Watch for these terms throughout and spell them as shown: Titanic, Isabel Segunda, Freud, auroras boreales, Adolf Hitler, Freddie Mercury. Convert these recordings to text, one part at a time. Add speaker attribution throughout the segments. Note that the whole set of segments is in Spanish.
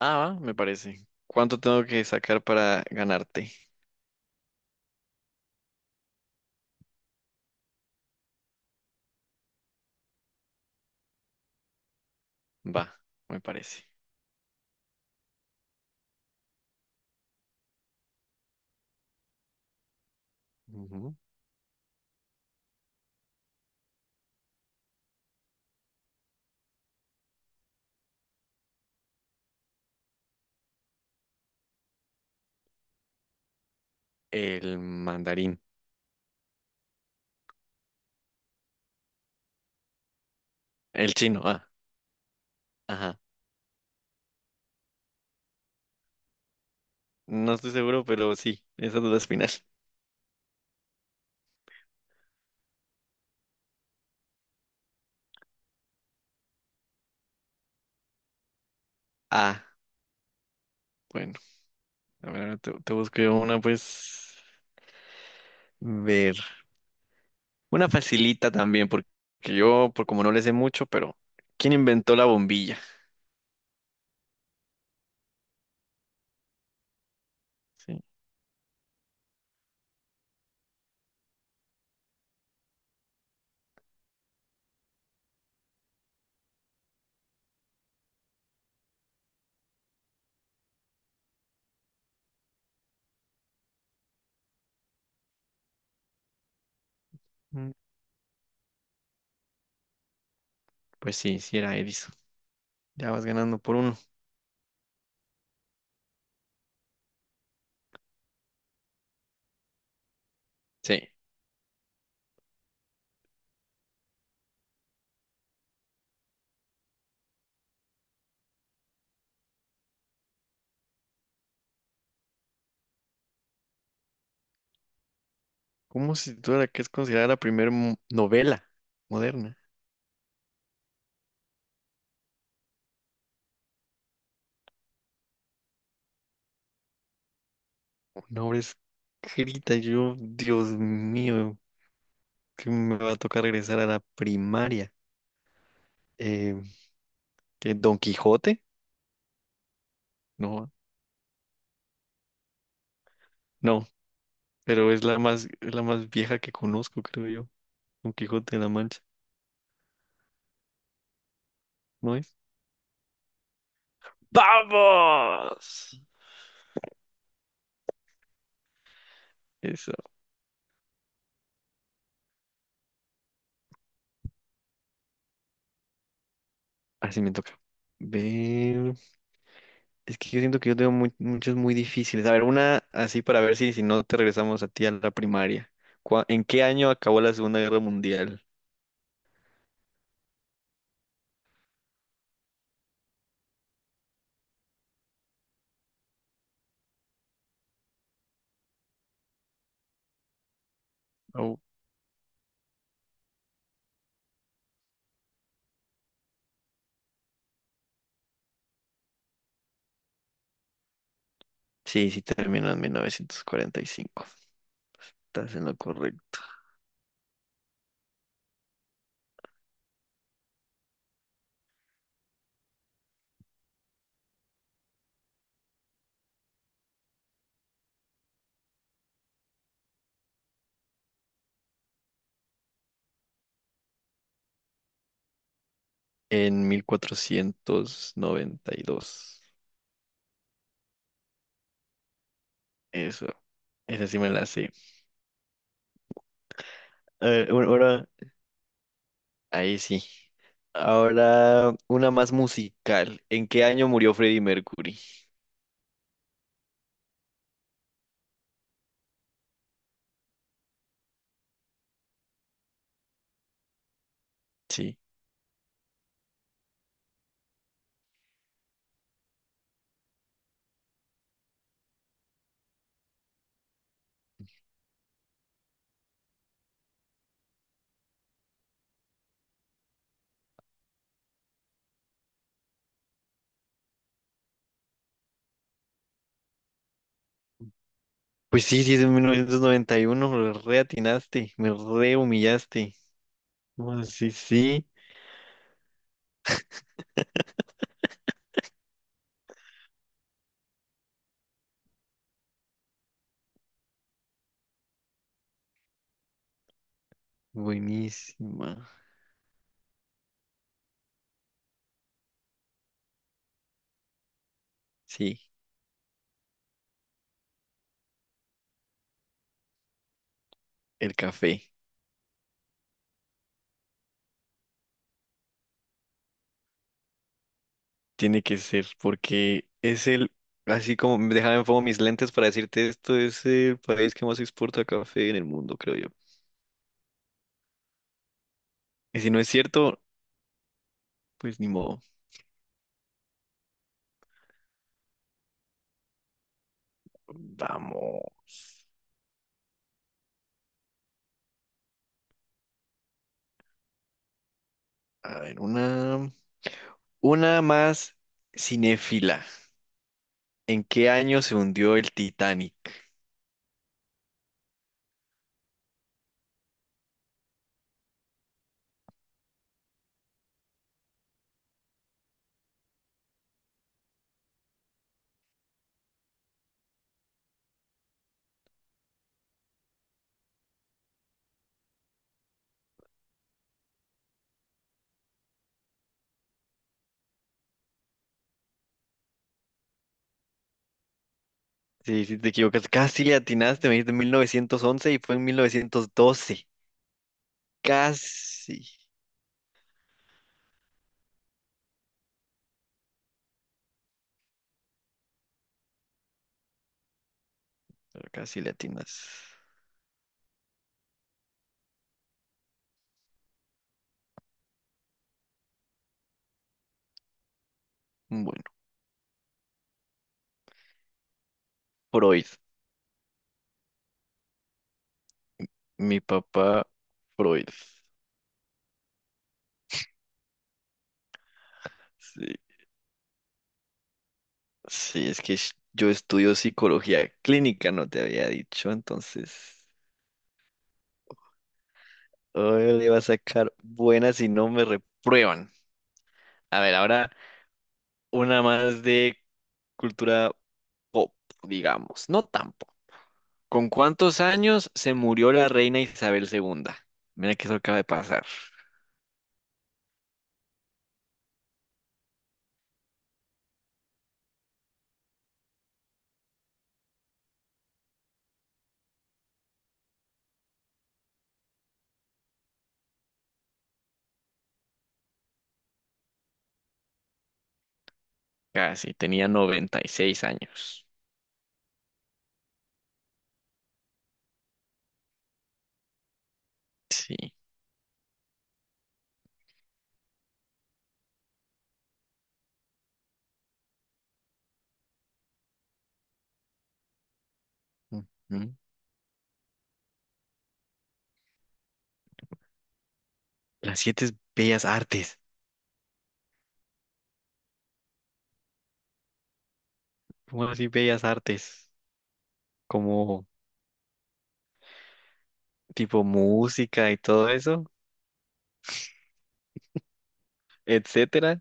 Speaker 1: Ah, va, me parece. ¿Cuánto tengo que sacar para ganarte? Va, me parece. Ujú. El mandarín. El chino, ah, ajá. No estoy seguro, pero sí, esa duda es final. Ah, bueno, a ver, ahora te busco yo una, pues, ver. Una facilita también, porque yo, por como no le sé mucho, pero ¿quién inventó la bombilla? Sí. Mm, Pues sí, sí era Edison. Ya vas ganando por uno. Sí. ¿Cómo se titula la que es considerada la primera novela moderna? Nombres grita y yo, Dios mío, que me va a tocar regresar a la primaria. Eh, ¿Qué, Don Quijote? No, no, pero es la más vieja que conozco, creo yo. Don Quijote de la Mancha, ¿no es? ¡Vamos! Eso, así me toca. Ver, es que yo siento que yo tengo muchos muy difíciles. A ver, una así para ver si, si no te regresamos a ti a la primaria. ¿En qué año acabó la Segunda Guerra Mundial? Sí, sí, terminó en 1945. Estás en lo correcto. En 1492. Eso, esa sí me la sé. A ver, ahora, ahí sí. Ahora, una más musical. ¿En qué año murió Freddie Mercury? Sí. Pues sí, sí, es en 1991. Me re atinaste, me re humillaste. Ah, sí, sí. Buenísima. Sí, el café. Tiene que ser, porque es el, así como, déjame pongo mis lentes para decirte esto, es el país que más exporta café en el mundo, creo yo. Y si no es cierto, pues ni modo. Vamos, a ver, una más cinéfila. ¿En qué año se hundió el Titanic? Sí, sí, te equivocas. Casi le atinaste, me dijiste 1911 y fue en 1912. Casi, pero casi le atinas. Bueno, Freud, mi papá Freud. Sí, sí, es que yo estudio psicología clínica, no te había dicho, entonces hoy le va a sacar buenas si no me reprueban. A ver, ahora una más de cultura pop, digamos, no tampoco. ¿Con cuántos años se murió la reina Isabel segunda? Mira que eso acaba de pasar. Casi, tenía 96 años. Sí. Ujú. Las siete es bellas artes. ¿Cómo así bellas artes? Como tipo música y todo eso. Etcétera.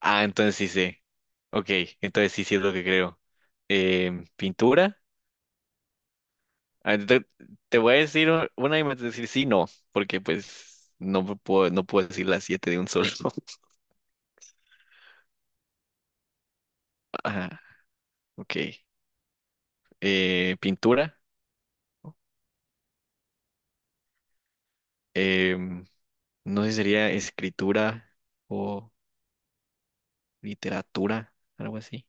Speaker 1: Ah, entonces sí sé. Ok, entonces sí, sí es lo que creo. Pintura. Ah, te voy a decir una y me vas a decir sí, no, porque pues no me puedo, no puedo decir las siete de un solo. Ajá, ok. Pintura. Em, no sé si sería escritura o literatura, algo así.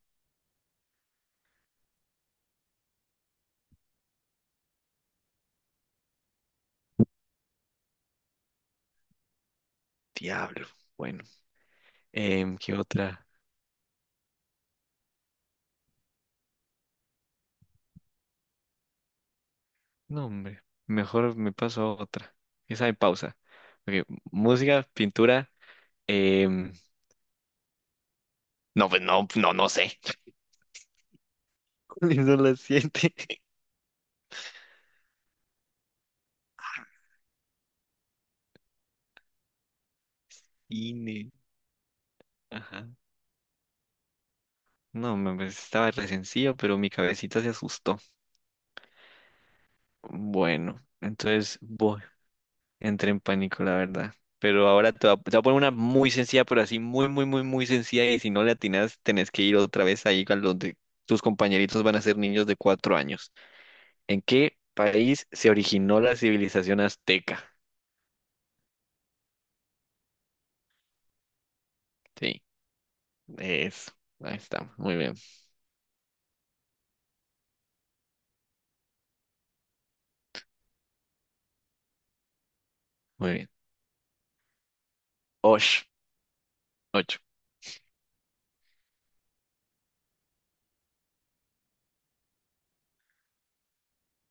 Speaker 1: Diablo. Bueno, ¿qué otra? No, hombre, mejor me paso a otra. Esa de pausa. Ok, música, pintura. em, No, pues no, no, no sé. ¿Cuáles son las siete? Cine. Ajá. No, estaba re sencillo, pero mi cabecita se asustó. Bueno, entonces voy. Entré en pánico, la verdad. Pero ahora te voy a poner una muy sencilla, pero así muy, muy, muy, muy sencilla. Y si no le atinas, tenés que ir otra vez ahí a donde tus compañeritos van a ser niños de 4 años. ¿En qué país se originó la civilización azteca? Sí, eso. Ahí está. Muy bien, muy bien. Osh, ocho.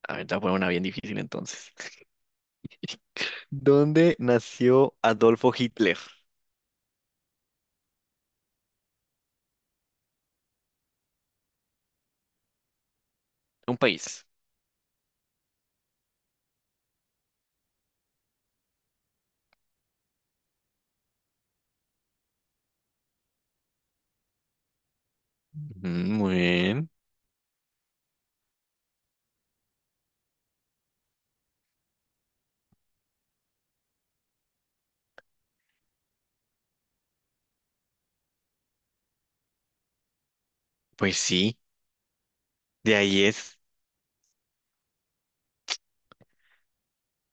Speaker 1: A ver, te voy a poner una bien difícil entonces. ¿Dónde nació Adolfo Hitler? Un país. Ujú, muy bien. Pues sí, de ahí es.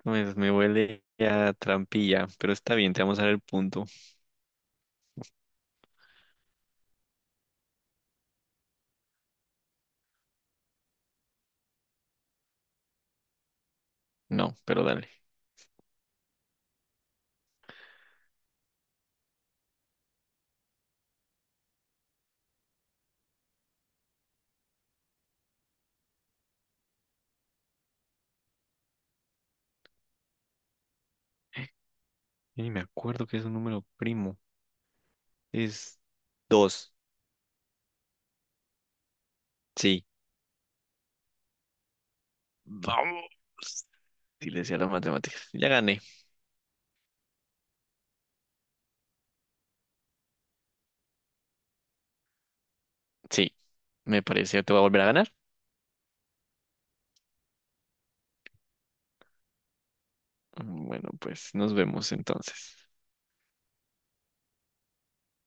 Speaker 1: Pues me huele a trampilla, pero está bien, te vamos a dar el punto. No, pero dale. Y me acuerdo que es un número primo. Es dos. Sí. Vamos. Sí, le decía las matemáticas. Ya gané. Sí, me parece. Que ¿te voy a volver a ganar? Bueno, pues nos vemos entonces.